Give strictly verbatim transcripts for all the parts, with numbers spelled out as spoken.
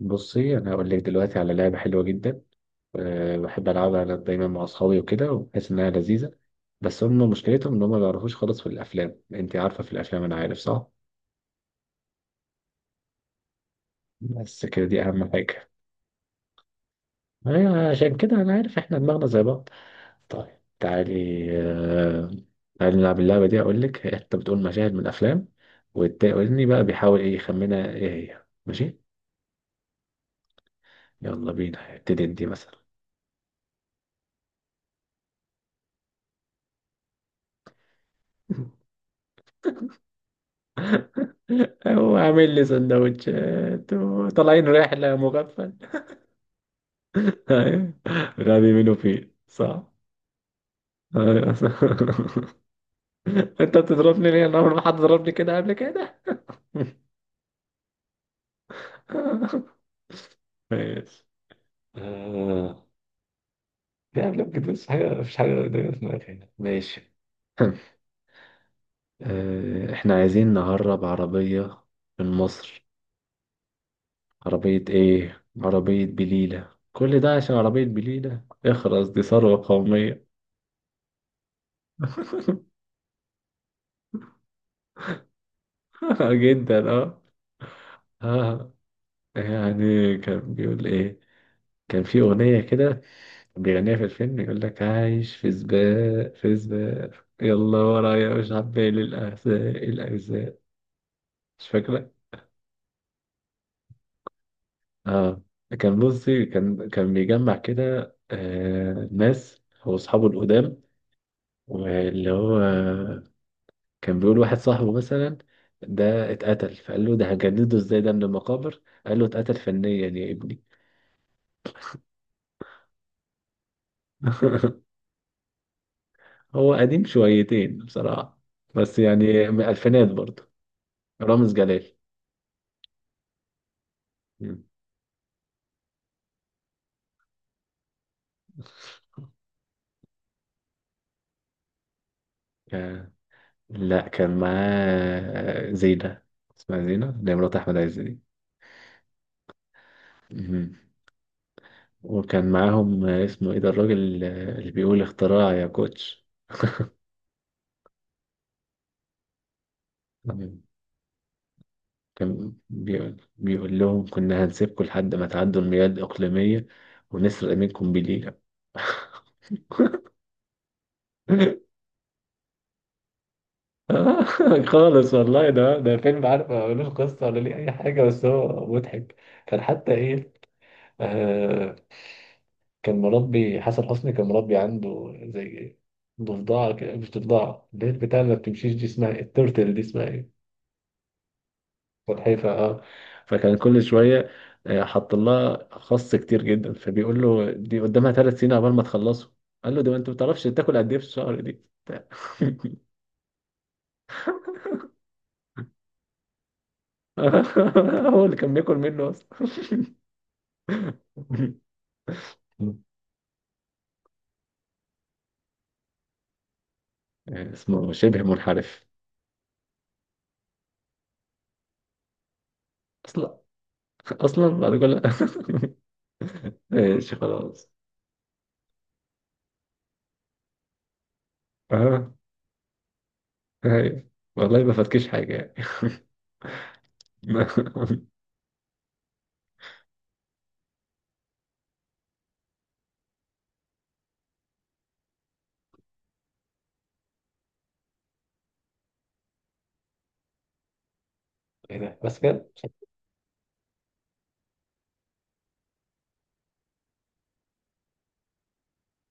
بصي انا هقول لك دلوقتي على لعبه حلوه جدا. أه بحب العبها انا دايما مع اصحابي وكده وبحس انها لذيذه. بس هم مشكلتهم ان هم ما بيعرفوش خالص في الافلام. انت عارفه في الافلام انا عارف صح. بس كده دي اهم حاجه. ايوه عشان كده انا عارف احنا دماغنا زي بعض. طيب تعالي. أه تعالي نلعب اللعبه دي اقول لك. انت بتقول مشاهد من افلام، والتاني بقى بيحاول ايه يخمنها، ايه هي؟ ماشي. يلا بينا، ابتدي انت مثلا. هو عامل لي سندوتشات وطالعين رحلة مغفل. أيوة. غبي منه، فيه صح. أيوة. انت بتضربني ليه؟ انا عمري ما حد ضربني كده قبل كده. ماشي. آه. يعني لا بجد مفيش حاجة، مفيش حاجة دايما في دماغي هنا. ماشي. آه، احنا عايزين نهرب عربية من مصر. عربية ايه؟ عربية بليلة. كل ده عشان عربية بليلة؟ اخرس، دي ثروة قومية. آه، جدا، اه. اه يعني كان بيقول ايه؟ كان في اغنيه كده كان بيغنيها في الفيلم، يقول لك عايش في سباق، في سباق، يلا ورايا، مش عبالي الاحزاب، الاجزاء. مش فاكره. اه كان، بصي، كان كان بيجمع كده آه ناس هو اصحابه القدام. واللي هو كان بيقول واحد صاحبه مثلا ده اتقتل، فقال له ده هنجدده ازاي ده من المقابر؟ قال له اتقتل فنيا يا ابني. هو قديم شويتين بصراحة. بس يعني من الألفينات برضه. رامز جلال. مم. آه، لا كان معاه زينة. اسمها زينة، اللي هي مرات أحمد عز دي. مم. وكان معاهم آه، اسمه إيه ده الراجل آه، اللي بيقول اختراع يا كوتش. مم. كان بيقول بيقول لهم كنا هنسيبكم لحد ما تعدوا المياه الإقليمية ونسرق منكم بليلة. آه، خالص والله. ده ده فيلم، عارف، ما ملوش قصة ولا ليه أي حاجة، بس هو مضحك. كان حتى إيه؟ آه كان مربي، حسن حسني كان مربي عنده زي ضفدعة كده. مش ضفدعة، اللي هي البتاع اللي ما بتمشيش دي، اسمها إيه؟ التورتل دي اسمها إيه؟ سلحفاة، أه. فكان كل شوية آه، حط لها خس كتير جدا، فبيقول له دي قدامها ثلاث سنين عقبال ما تخلصه. قال له ده ما أنت ما بتعرفش تاكل قد إيه في الشهر دي. هو اللي كان بياكل منه أصلا. يعني اسمه شبه منحرف. اصلا، اصلا بعد كل. ماشي خلاص. اه ايوه والله ما فاتكش حاجه يعني. ما- ايه ده بس كده؟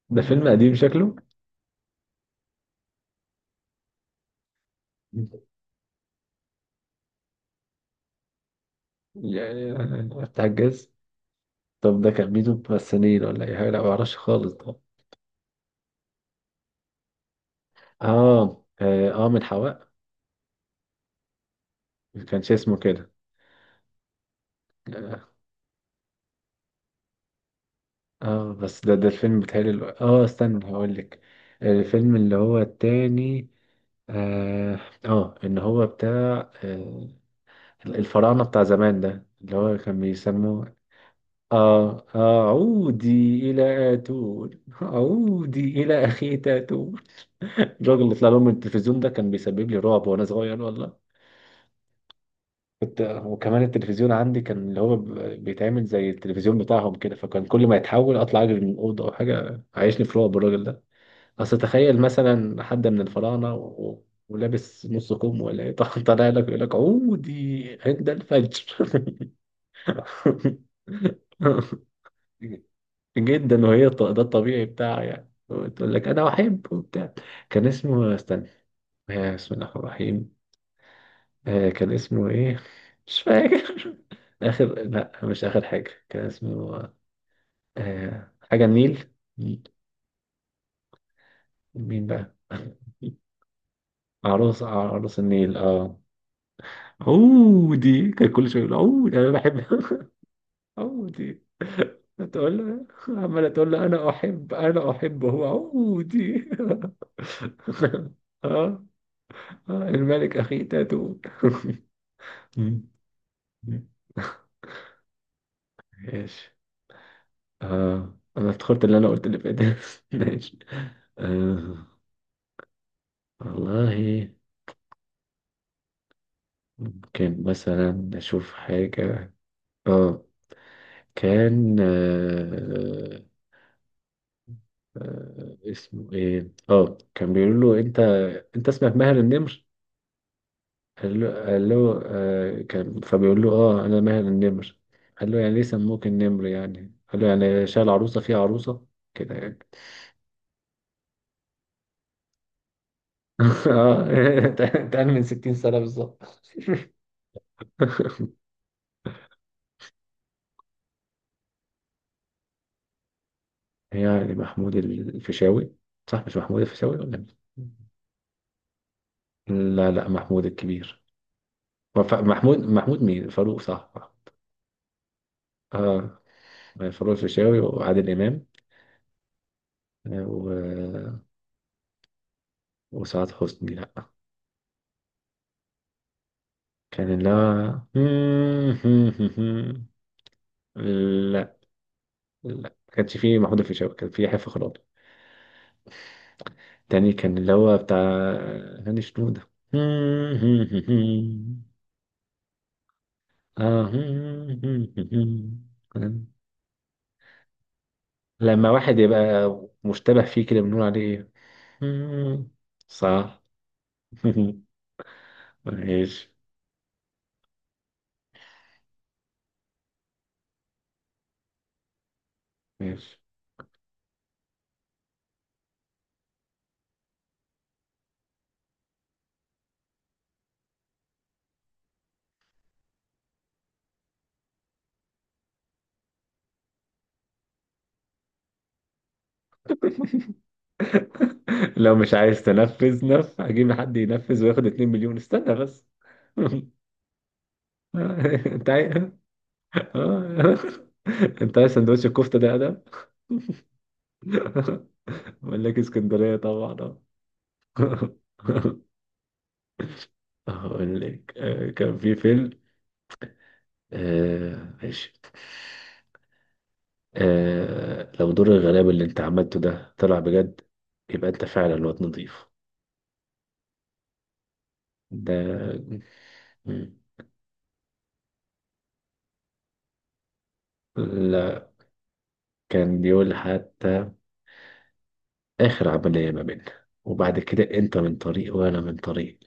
ده فيلم قديم شكله. يعني بتاع الجاز. طب ده كان مين ممثلين ولا اي حاجه؟ لا ما اعرفش خالص ده. اه، اه، آه، من حواء. ما كانش اسمه كده. آه، اه بس ده ده الفيلم، بتهيألي ال- اه استنى هقول لك. الفيلم اللي هو التاني، اه آه، ان هو بتاع آه الفراعنة بتاع زمان، ده اللي هو كان بيسموه اه اعودي الى اتون، اعودي الى اخي تاتون. الراجل اللي طلع لهم من التلفزيون ده كان بيسبب لي رعب وانا صغير والله. كنت. وكمان التلفزيون عندي كان اللي هو ب- بيتعمل زي التلفزيون بتاعهم كده، فكان كل ما يتحول اطلع اجري من الاوضه او حاجه، عايشني في رعب الراجل ده. اصل تخيل مثلا حد من الفراعنه و ولابس نص كم ولا ايه، طالع لك يقول لك عودي عند الفجر. جدا، وهي الط- ده الطبيعي بتاعها يعني، وتقول لك انا احب وبتاع. كان اسمه، استنى، آه، بسم الله الرحمن الرحيم، آه، كان اسمه ايه؟ مش فاكر. اخر. لا، مش اخر حاجه. كان اسمه آه، حاجه النيل. مين؟ مين بقى؟ عروس عروس النيل، اه. عودي، كان كل شويه يقول عودي، انا بحب. عودي. تقول له عمال، تقول له انا احب، انا احب، هو عودي. اه. آه، الملك اخي تاتو. مم. ماشي. آه انا افتكرت اللي انا قلت اللي فات. ماشي. آه والله ممكن مثلا نشوف حاجة. اه كان، آه آه اسمه ايه، اه كان بيقول له انت انت اسمك ماهر النمر. قال له قال له آه كان، فبيقول له اه انا ماهر النمر. قال له يعني ليه سموك النمر يعني؟ قال له يعني شال عروسه في عروسه كده يعني. اه. اتقال من ستين سنه بالظبط. يعني محمود الفيشاوي. صح مش محمود الفيشاوي ولا مين؟ لا لا، محمود الكبير. وف- محمود محمود مين؟ فاروق، صح. اه، فاروق الفيشاوي وعادل امام. آه، و... وسعاد حسني، لا. كان اللي هو. لا لا، ما كانش فيه محمود الفيشاوي، كان فيه حفة خلاص. تاني كان اللي هو بتاع هاني شنودة. آه. لما واحد يبقى مشتبه فيه كده بنقول عليه ايه؟ صح. ماشي، ماشي. لو مش عايز تنفذ نف هجيب حد ينفذ وياخد 2 مليون، استنى بس. انت عايز؟ آه. انت عايز سندوتش الكفته ده، ادم. اقول لك اسكندريه، طبعا آه. اقول لك آه، كان في فيلم، آه، ماشي، آه، لو دور الغلابه اللي انت عملته ده طلع بجد، يبقى انت فعلا واد نضيف، ده. مم. لا، كان بيقول حتى اخر عمليه ما بيننا، وبعد كده انت من طريق وانا من طريق،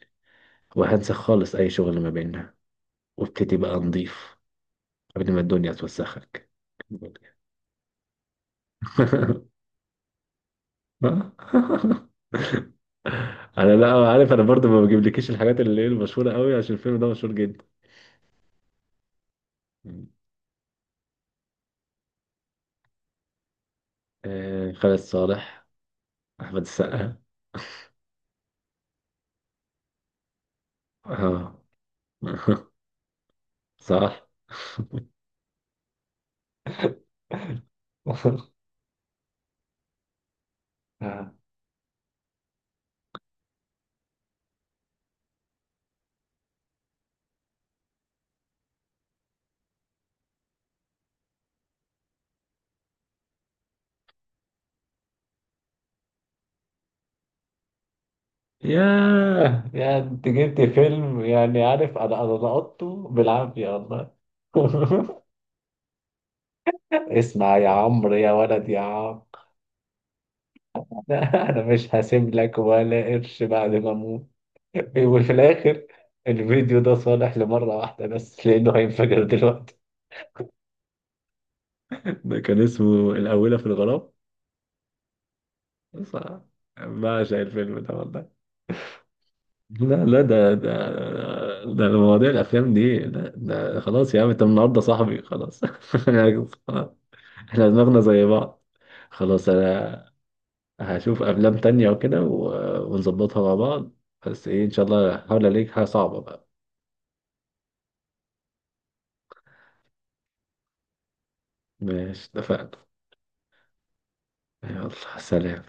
وهنسى خالص اي شغل ما بيننا، وابتدي بقى نضيف قبل ما الدنيا توسخك. انا لا عارف، انا برضو ما بجيبلكيش الحاجات اللي هي المشهوره قوي، عشان الفيلم ده مشهور جدا. آه خالد صالح، احمد السقا. اه. صح. آه. ياه، يا انت جبت فيلم يعني، عارف، انا انا لقطته بالعافيه والله. اسمع يا عمرو يا ولد يا عم. انا مش هسيب لك ولا قرش بعد ما اموت. وفي الاخر الفيديو ده صالح لمره واحده بس، لانه هينفجر دلوقتي. ده كان اسمه الاولى في الغرام. بص، بعشق الفيلم ده والله. لا لا، ده ده ده مواضيع الافلام دي. لا ده خلاص، يا عم انت من النهارده صاحبي، خلاص. احنا دماغنا زي بعض. خلاص، انا هشوف افلام تانية وكده، و- ونظبطها مع بعض. بس ايه، ان شاء الله هحاول الاقيها صعبة بقى. ماشي، اتفقنا. يلا سلام.